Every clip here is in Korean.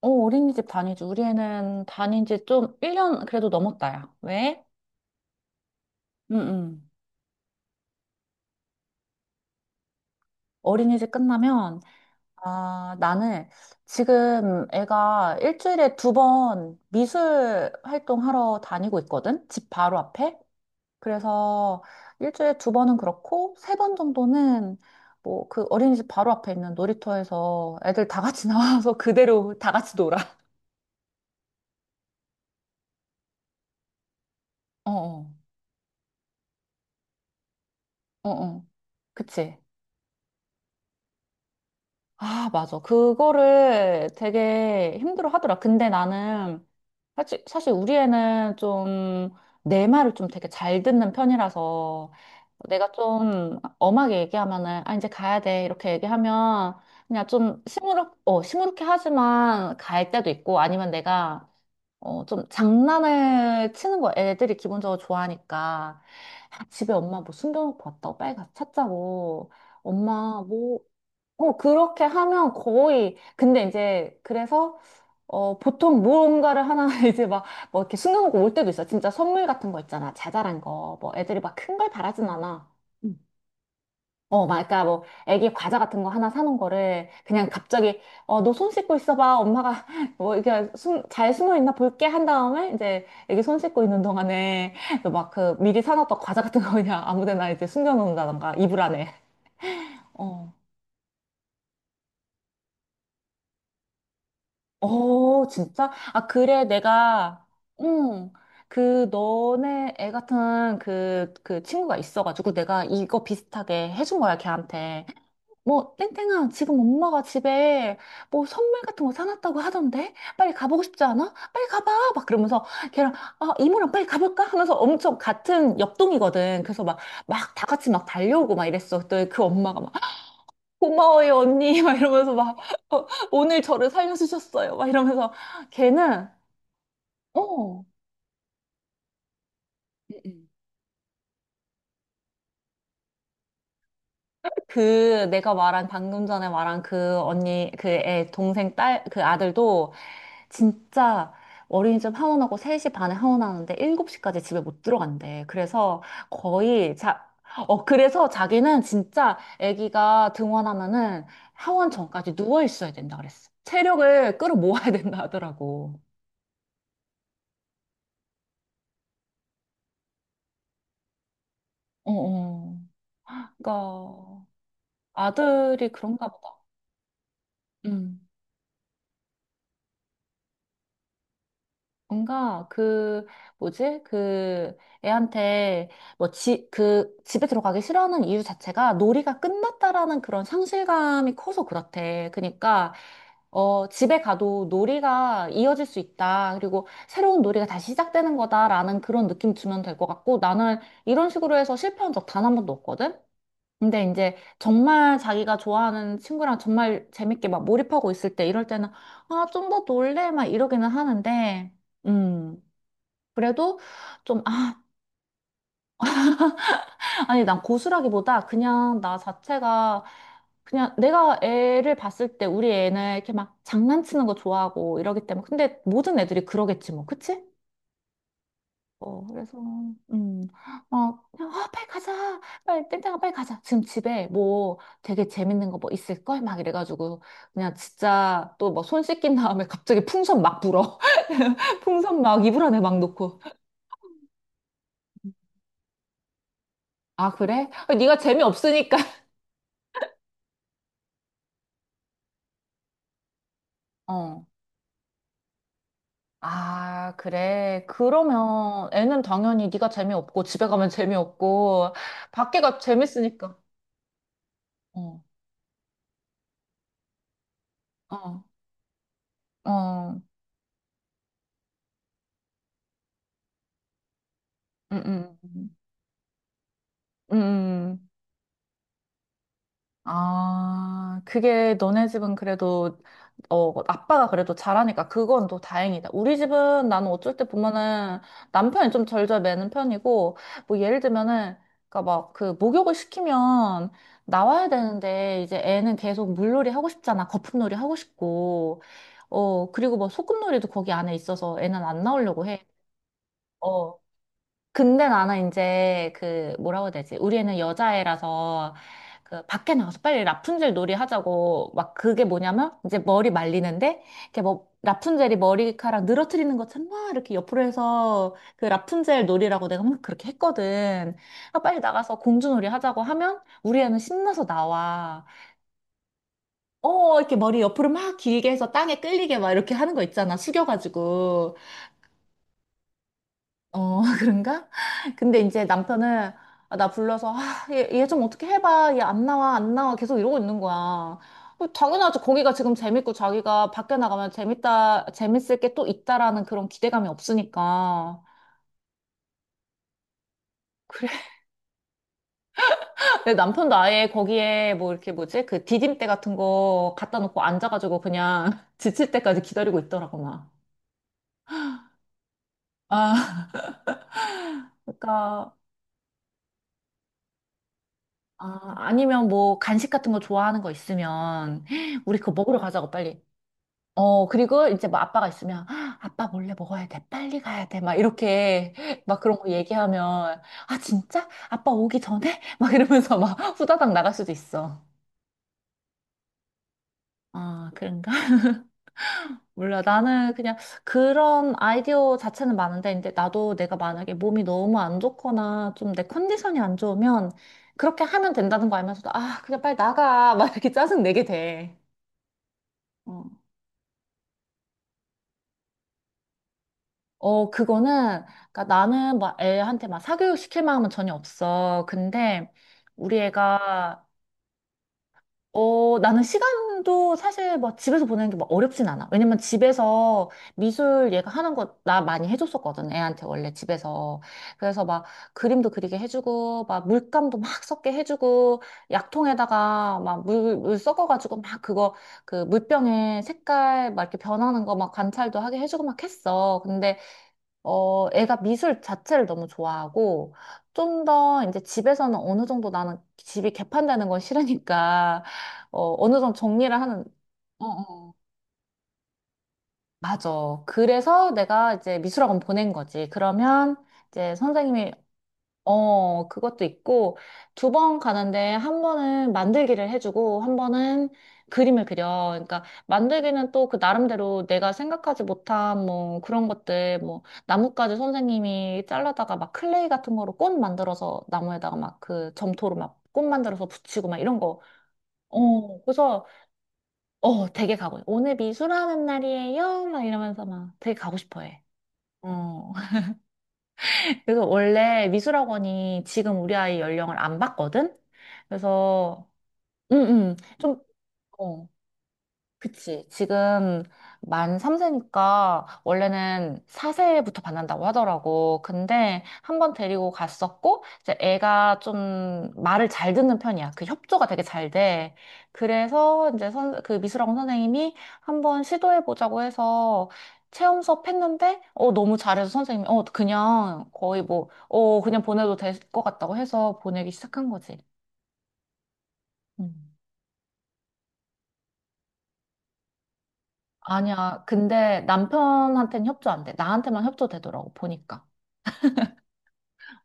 어, 어린이집 다니지. 우리 애는 다닌 지 좀 1년 그래도 넘었다, 야. 왜? 응, 응. 어린이집 끝나면, 아, 나는 지금 애가 일주일에 두 번 미술 활동하러 다니고 있거든? 집 바로 앞에? 그래서 일주일에 두 번은 그렇고, 세 번 정도는 뭐 그 어린이집 바로 앞에 있는 놀이터에서 애들 다 같이 나와서 그대로 다 같이 놀아. 어, 어, 어, 어. 그치? 아, 맞아. 그거를 되게 힘들어 하더라. 근데 나는 사실, 우리 애는 좀 내 말을 좀 되게 잘 듣는 편이라서 내가 좀 엄하게 얘기하면은 아, 이제 가야 돼. 이렇게 얘기하면 그냥 좀 시무룩, 어, 시무룩해 하지만 갈 때도 있고 아니면 내가 어, 좀 장난을 치는 거 애들이 기본적으로 좋아하니까 아, 집에 엄마 뭐 숨겨놓고 왔다고 빨리 가서 찾자고 엄마 뭐 어, 그렇게 하면 거의, 근데 이제, 그래서, 어, 보통 무언가를 하나 이제 막, 뭐 이렇게 숨겨놓고 올 때도 있어. 진짜 선물 같은 거 있잖아. 자잘한 거. 뭐 애들이 막 큰 걸 바라진 않아. 음. 어, 막, 그러니까 뭐, 애기 과자 같은 거 하나 사놓은 거를 그냥 갑자기, 어, 너 손 씻고 있어봐. 엄마가 뭐, 이렇게 숨, 잘 숨어 있나 볼게 한 다음에, 이제, 애기 손 씻고 있는 동안에, 막 그 미리 사놨던 과자 같은 거 그냥 아무 데나 이제 숨겨놓는다던가, 이불 안에. 어, 진짜? 아, 그래, 내가, 응, 그, 너네 애 같은 그 친구가 있어가지고 내가 이거 비슷하게 해준 거야, 걔한테. 뭐, 땡땡아, 지금 엄마가 집에 뭐 선물 같은 거 사놨다고 하던데? 빨리 가보고 싶지 않아? 빨리 가봐! 막 그러면서 걔랑, 아, 이모랑 빨리 가볼까? 하면서 엄청 같은 옆동이거든. 그래서 막, 막 다 같이 막 달려오고 막 이랬어. 그때 그 엄마가 막 고마워요, 언니. 막 이러면서 막, 어, 오늘 저를 살려주셨어요. 막 이러면서 걔는, 어, 음, 음. 그 내가 말한 방금 전에 말한 그 언니 그 애 동생 딸 그 아들도 진짜 어린이집 하원하고 3시 반에 하원하는데 7시까지 집에 못 들어간대. 그래서 거의 자 어, 그래서 자기는 진짜 아기가 등원하면은 하원 전까지 누워 있어야 된다 그랬어. 체력을 끌어모아야 된다 하더라고. 어, 어. 그러니까 아들이 그런가 보다. 음. 뭔가 그 뭐지? 그 애한테 뭐 지 그 집에 들어가기 싫어하는 이유 자체가 놀이가 끝났다라는 그런 상실감이 커서 그렇대. 그러니까 어 집에 가도 놀이가 이어질 수 있다. 그리고 새로운 놀이가 다시 시작되는 거다라는 그런 느낌 주면 될 것 같고 나는 이런 식으로 해서 실패한 적 단 한 번도 없거든. 근데 이제 정말 자기가 좋아하는 친구랑 정말 재밌게 막 몰입하고 있을 때 이럴 때는 아, 좀 더 놀래 막 이러기는 하는데 음. 그래도 좀 아, 아니 난 고수라기보다 그냥 나 자체가 그냥 내가 애를 봤을 때 우리 애는 이렇게 막 장난치는 거 좋아하고 이러기 때문에 근데 모든 애들이 그러겠지 뭐. 그치? 어, 그래서, 음, 막, 그냥, 아, 빨리 가자. 빨리, 땡땡아, 빨리 가자. 지금 집에 뭐 되게 재밌는 거 뭐 있을걸? 막 이래가지고, 그냥 진짜 또 뭐 손 씻긴 다음에 갑자기 풍선 막 불어. 풍선 막 이불 안에 막 넣고. 아, 그래? 아, 네가 재미없으니까. 어. 아, 그래. 그러면 애는 당연히 네가 재미없고, 집에 가면 재미없고, 밖에가 재밌으니까. 어, 어, 어, 음, 음, 음. 아, 그게 너네 집은 그래도, 어, 뭐 아빠가 그래도 잘하니까 그건 또 다행이다. 우리 집은 나는 어쩔 때 보면은 남편이 좀 절절매는 편이고, 뭐 예를 들면은, 그니까 막 그 목욕을 시키면 나와야 되는데, 이제 애는 계속 물놀이 하고 싶잖아. 거품놀이 하고 싶고, 어, 그리고 뭐 소꿉놀이도 거기 안에 있어서 애는 안 나오려고 해. 어. 근데 나는 이제 그 뭐라고 해야 되지? 우리는 애 여자애라서 그 밖에 나가서 빨리 라푼젤 놀이 하자고 막 그게 뭐냐면 이제 머리 말리는데 이렇게 뭐 라푼젤이 머리카락 늘어뜨리는 것처럼 막 이렇게 옆으로 해서 그 라푼젤 놀이라고 내가 막 그렇게 했거든. 아, 빨리 나가서 공주놀이 하자고 하면 우리 애는 신나서 나와. 어, 이렇게 머리 옆으로 막 길게 해서 땅에 끌리게 막 이렇게 하는 거 있잖아. 숙여가지고. 어, 그런가? 근데 이제 남편은 아, 나 불러서 아, 얘 좀 어떻게 해봐. 얘 안 나와, 안 나와. 계속 이러고 있는 거야. 어, 당연하지. 거기가 지금 재밌고 자기가 밖에 나가면 재밌다, 재밌을 게 또 있다라는 그런 기대감이 없으니까. 그래. 내 남편도 아예 거기에 뭐 이렇게 뭐지? 그 디딤대 같은 거 갖다 놓고 앉아가지고 그냥 지칠 때까지 기다리고 있더라고, 막. 아, 그러니까. 아, 아니면 뭐 간식 같은 거 좋아하는 거 있으면 우리 그거 먹으러 가자고 빨리. 어, 그리고 이제 뭐 아빠가 있으면, "아, 아빠 몰래 먹어야 돼. 빨리 가야 돼. 막 이렇게 막 그런 거 얘기하면, 아, 진짜? 아빠 오기 전에? 막 이러면서 막 후다닥 나갈 수도 있어. 아, 그런가? 몰라. 나는 그냥 그런 아이디어 자체는 많은데, 근데 나도 내가 만약에 몸이 너무 안 좋거나 좀 내 컨디션이 안 좋으면 그렇게 하면 된다는 거 알면서도, 아, 그냥 빨리 나가. 막 이렇게 짜증 내게 돼. 어. 어, 그거는, 그러니까 나는 막 애한테 막 사교육 시킬 마음은 전혀 없어. 근데 우리 애가, 어, 나는 시간도 사실 막 집에서 보내는 게 막 어렵진 않아. 왜냐면 집에서 미술 얘가 하는 거 나 많이 해줬었거든. 애한테 원래 집에서. 그래서 막 그림도 그리게 해주고, 막 물감도 막 섞게 해주고, 약통에다가 막 물 섞어가지고 막 그거, 그 물병에 색깔 막 이렇게 변하는 거 막 관찰도 하게 해주고 막 했어. 근데 어, 애가 미술 자체를 너무 좋아하고, 좀 더 이제 집에서는 어느 정도 나는 집이 개판되는 건 싫으니까, 어, 어느 정도 정리를 하는, 어, 어. 맞아. 그래서 내가 이제 미술학원 보낸 거지. 그러면 이제 선생님이 어, 그것도 있고, 두 번 가는데 한 번은 만들기를 해주고, 한 번은 그림을 그려. 그러니까 만들기는 또 그 나름대로 내가 생각하지 못한 뭐 그런 것들, 뭐 나뭇가지 선생님이 잘라다가 막 클레이 같은 거로 꽃 만들어서 나무에다가 막 그 점토로 막 꽃 만들어서 붙이고 막 이런 거. 어, 그래서, 어, 되게 가고, 오늘 미술하는 날이에요? 막 이러면서 막 되게 가고 싶어 해. 어. 그래서 원래 미술학원이 지금 우리 아이 연령을 안 받거든? 그래서, 응, 응. 좀, 어, 그치. 지금 만 3세니까 원래는 4세부터 받는다고 하더라고. 근데 한번 데리고 갔었고, 이제 애가 좀 말을 잘 듣는 편이야. 그 협조가 되게 잘 돼. 그래서 이제 선, 그 미술학원 선생님이 한번 시도해보자고 해서 체험 수업 했는데, 어, 너무 잘해서 선생님이, 어, 그냥 거의 뭐, 어, 그냥 보내도 될 것 같다고 해서 보내기 시작한 거지. 음. 아니야. 근데 남편한테는 협조 안 돼. 나한테만 협조되더라고, 보니까.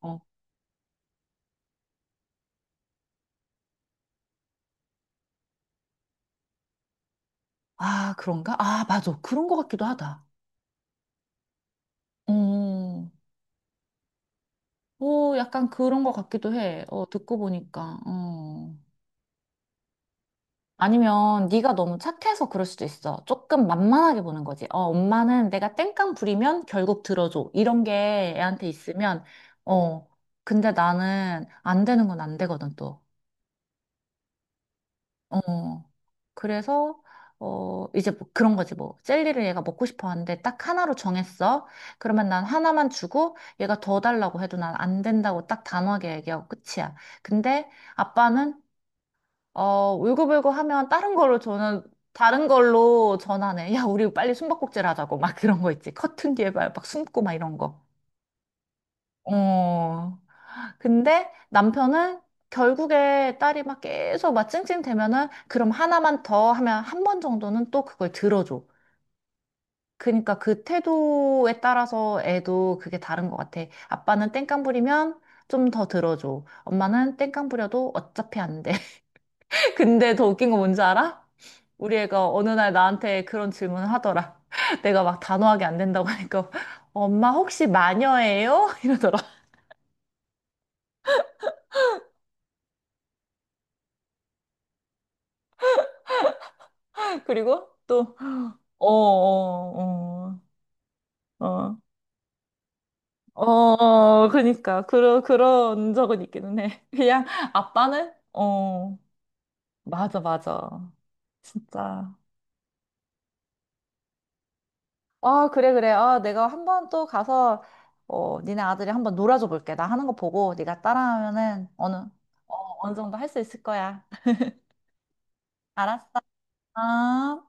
어. 아, 그런가? 아, 맞아. 그런 것 같기도 하다. 음, 오, 약간 그런 것 같기도 해. 어, 듣고 보니까. 어. 아니면 네가 너무 착해서 그럴 수도 있어. 조금 만만하게 보는 거지. 어, 엄마는 내가 땡깡 부리면 결국 들어줘. 이런 게 애한테 있으면, 어, 근데 나는 안 되는 건 안 되거든, 또. 어. 그래서 어 이제 뭐 그런 거지 뭐 젤리를 얘가 먹고 싶어 하는데 딱 하나로 정했어. 그러면 난 하나만 주고 얘가 더 달라고 해도 난 안 된다고 딱 단호하게 얘기하고 끝이야. 근데 아빠는 어 울고불고 하면 다른 걸로 저는 다른 걸로 전환해. 야, 우리 빨리 숨바꼭질 하자고 막 그런 거 있지. 커튼 뒤에 막, 막 숨고 막 이런 거. 어. 근데 남편은 결국에 딸이 막 계속 막 찡찡대면은 그럼 하나만 더 하면 한 번 정도는 또 그걸 들어줘. 그러니까 그 태도에 따라서 애도 그게 다른 것 같아. 아빠는 땡깡 부리면 좀 더 들어줘. 엄마는 땡깡 부려도 어차피 안 돼. 근데 더 웃긴 거 뭔지 알아? 우리 애가 어느 날 나한테 그런 질문을 하더라. 내가 막 단호하게 안 된다고 하니까 엄마 혹시 마녀예요? 이러더라. 그리고 또 어, 어, 어. 어, 어, 그니까, 그러, 그런 적은 있기는 해. 그냥, 아빠는? 어, 맞아, 맞아. 진짜. 아, 그래, 그래. 아, 내가 한번 또 가서, 어, 니네 아들이 한번 놀아줘 볼게. 나 하는 거 보고, 네가 따라하면은, 어느, 어, 어느 정도 할 수 있을 거야. 알았어. 아.